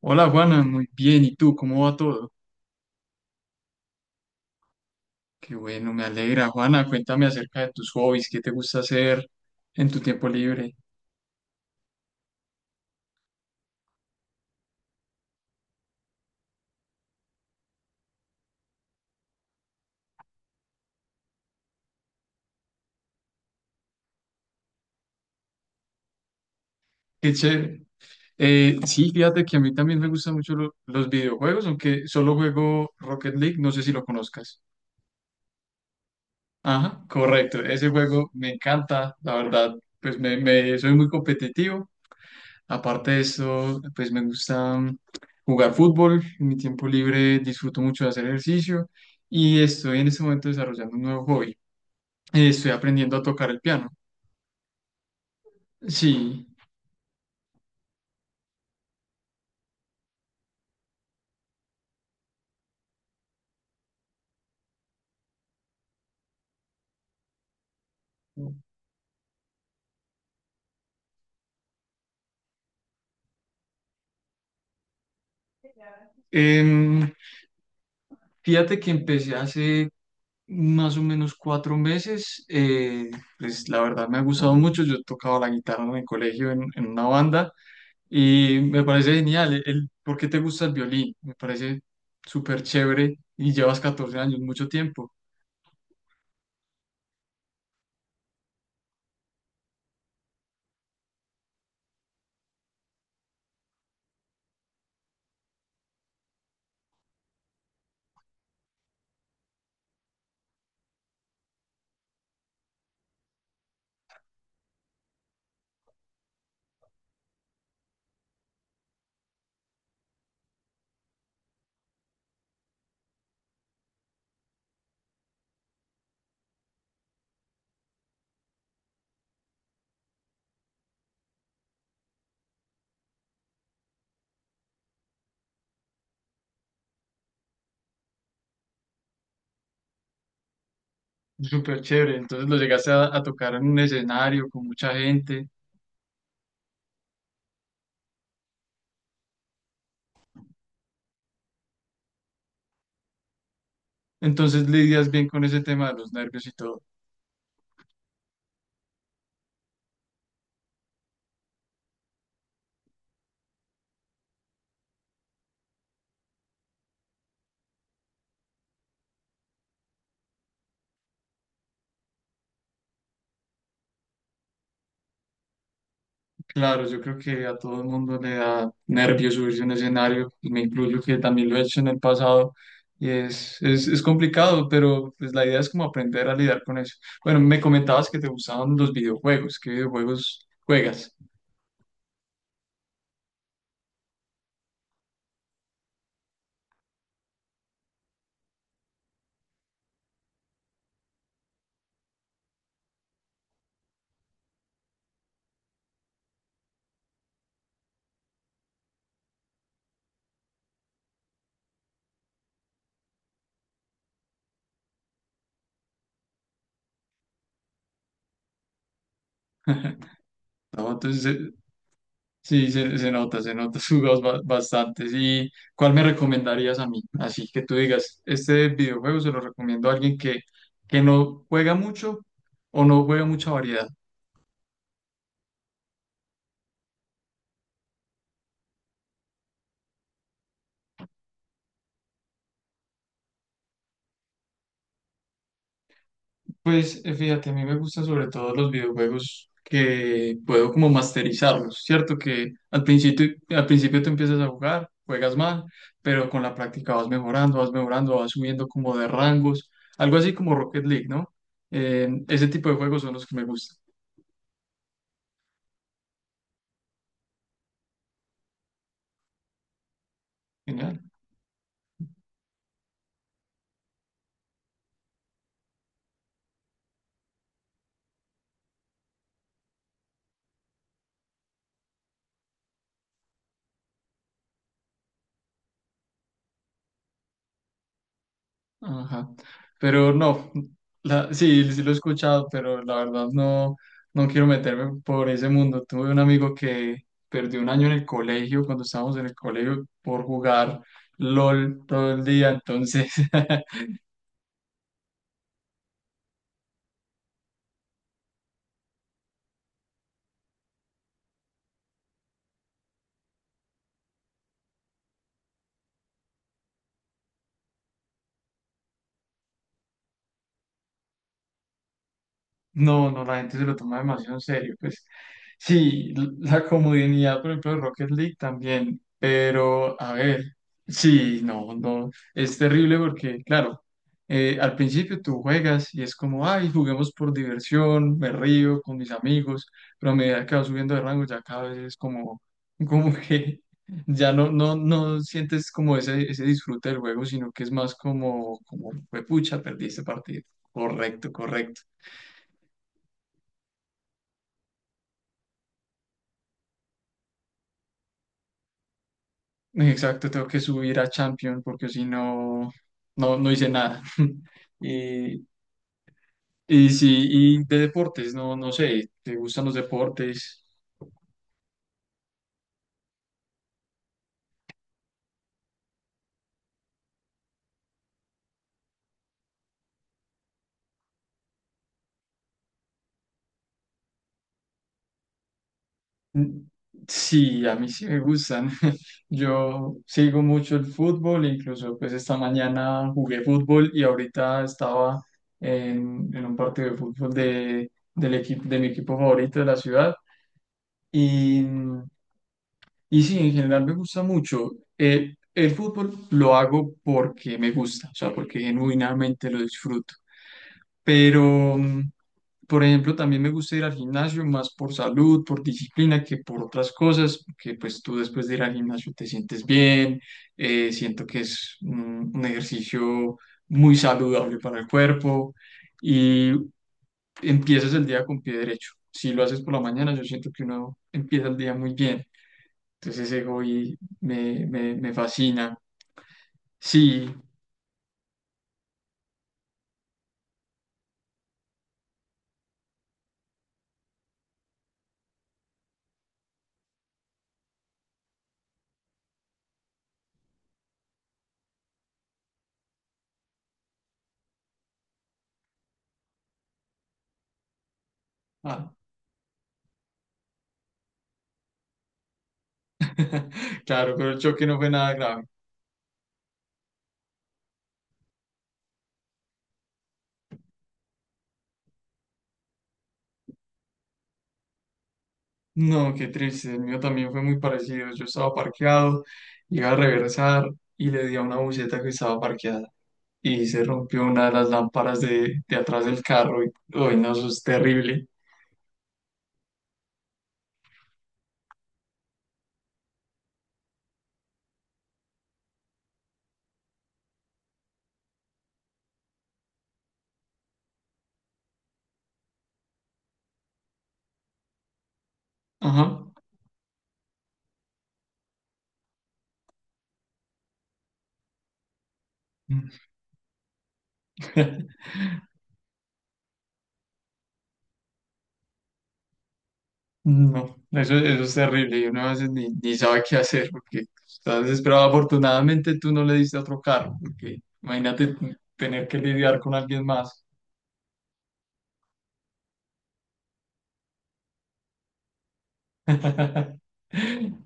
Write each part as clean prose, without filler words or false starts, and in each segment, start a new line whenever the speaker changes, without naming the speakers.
Hola Juana, muy bien. ¿Y tú? ¿Cómo va todo? Qué bueno, me alegra. Juana, cuéntame acerca de tus hobbies, qué te gusta hacer en tu tiempo libre. Qué chévere. Sí, fíjate que a mí también me gustan mucho los videojuegos, aunque solo juego Rocket League, no sé si lo conozcas. Ajá, correcto. Ese juego me encanta, la verdad, pues soy muy competitivo. Aparte de eso, pues me gusta jugar fútbol. En mi tiempo libre disfruto mucho de hacer ejercicio y estoy en este momento desarrollando un nuevo hobby. Estoy aprendiendo a tocar el piano. Sí. Em, Fíjate que empecé hace más o menos 4 meses. Pues la verdad me ha gustado mucho. Yo tocaba la guitarra en el colegio en una banda y me parece genial. ¿Por qué te gusta el violín? Me parece súper chévere y llevas 14 años, mucho tiempo. Súper chévere. Entonces lo llegaste a tocar en un escenario con mucha gente. Entonces lidias bien con ese tema de los nervios y todo. Claro, yo creo que a todo el mundo le da nervios subirse a un escenario, y me incluyo que también lo he hecho en el pasado, y es complicado, pero pues la idea es como aprender a lidiar con eso. Bueno, me comentabas que te gustaban los videojuegos, ¿qué videojuegos juegas? ¿No? Entonces, sí, se, se nota, jugas bastantes. ¿Y cuál me recomendarías a mí? Así que tú digas, este videojuego se lo recomiendo a alguien que no juega mucho o no juega mucha variedad. Pues fíjate, a mí me gustan sobre todo los videojuegos que puedo como masterizarlos, ¿cierto? Que al principio tú empiezas a jugar, juegas mal, pero con la práctica vas mejorando, vas mejorando, vas subiendo como de rangos, algo así como Rocket League, ¿no? Ese tipo de juegos son los que me gustan. Genial. Ajá. Pero no, sí, sí lo he escuchado, pero la verdad no, no quiero meterme por ese mundo. Tuve un amigo que perdió un año en el colegio, cuando estábamos en el colegio, por jugar LOL todo el día, entonces no, no, la gente se lo toma demasiado en serio. Pues sí, la comodidad, por ejemplo, de Rocket League también. Pero, a ver, sí, no, no, es terrible porque, claro, al principio tú juegas y es como, ay, juguemos por diversión, me río con mis amigos, pero a medida que vas subiendo de rango ya cada vez es como, como que ya no, no, no sientes como ese disfrute del juego, sino que es más como, pucha, perdí este partido. Correcto, correcto. Exacto, tengo que subir a Champion porque si no, no, no hice nada. Y, y sí, y de deportes, no, no sé, ¿te gustan los deportes? Mm, Sí, a mí sí me gustan. Yo sigo mucho el fútbol, incluso pues esta mañana jugué fútbol y ahorita estaba en un partido de fútbol de, del equipo, de mi equipo favorito de la ciudad. Y, y sí, en general me gusta mucho. El fútbol lo hago porque me gusta, o sea, porque genuinamente lo disfruto. Pero, por ejemplo, también me gusta ir al gimnasio más por salud, por disciplina, que por otras cosas, que pues tú después de ir al gimnasio te sientes bien, siento que es un ejercicio muy saludable para el cuerpo. Y empiezas el día con pie derecho. Si lo haces por la mañana, yo siento que uno empieza el día muy bien. Entonces ese hobby me fascina. Sí, ah, claro, pero el choque no fue nada grave. No, qué triste, el mío también fue muy parecido. Yo estaba parqueado, iba a reversar y le di a una buceta que estaba parqueada y se rompió una de las lámparas de atrás del carro y, uy, no, eso es terrible. Ajá. No, eso es terrible y uno a veces ni, ni sabe qué hacer porque estás desesperado. Afortunadamente tú no le diste otro carro, porque imagínate tener que lidiar con alguien más.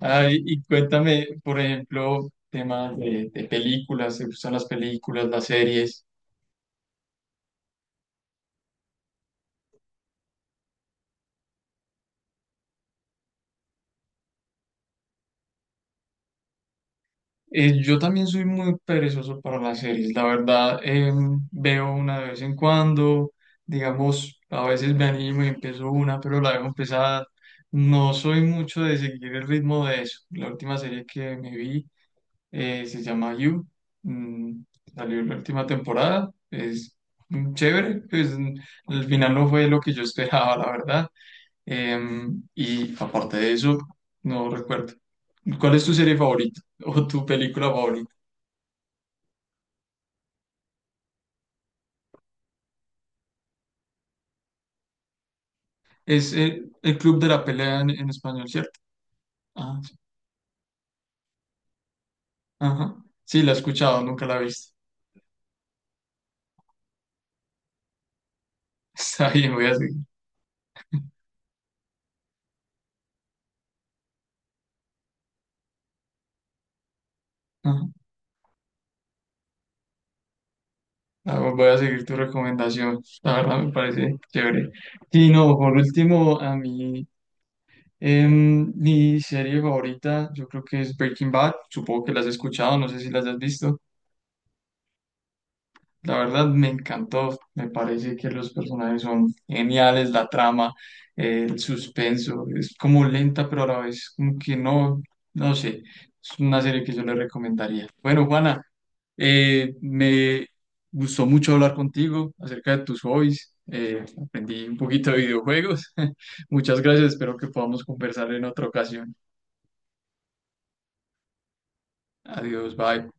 Ay, y cuéntame, por ejemplo, temas de películas, ¿te gustan las películas, las series? Yo también soy muy perezoso para las series, la verdad, veo una de vez en cuando, digamos, a veces me animo y empiezo una, pero la dejo empezada. No soy mucho de seguir el ritmo de eso. La última serie que me vi se llama You, mm, salió la última temporada, es chévere, pues al final no fue lo que yo esperaba, la verdad. Y aparte de eso, no recuerdo. ¿Cuál es tu serie favorita o tu película favorita? Es el Club de la Pelea en español, ¿cierto? Ah, sí. Ajá. Sí, la he escuchado, nunca la he visto. Está bien, voy a seguir. Ajá. Ah, bueno, voy a seguir tu recomendación. La verdad me parece chévere. Sí, no, por último, a mí, mi serie favorita, yo creo que es Breaking Bad. Supongo que la has escuchado, no sé si las has visto. La verdad me encantó, me parece que los personajes son geniales, la trama, el suspenso, es como lenta pero a la vez como que no, no sé, es una serie que yo le recomendaría. Bueno, Juana, me gustó mucho hablar contigo acerca de tus hobbies, aprendí un poquito de videojuegos, muchas gracias, espero que podamos conversar en otra ocasión. Adiós, bye.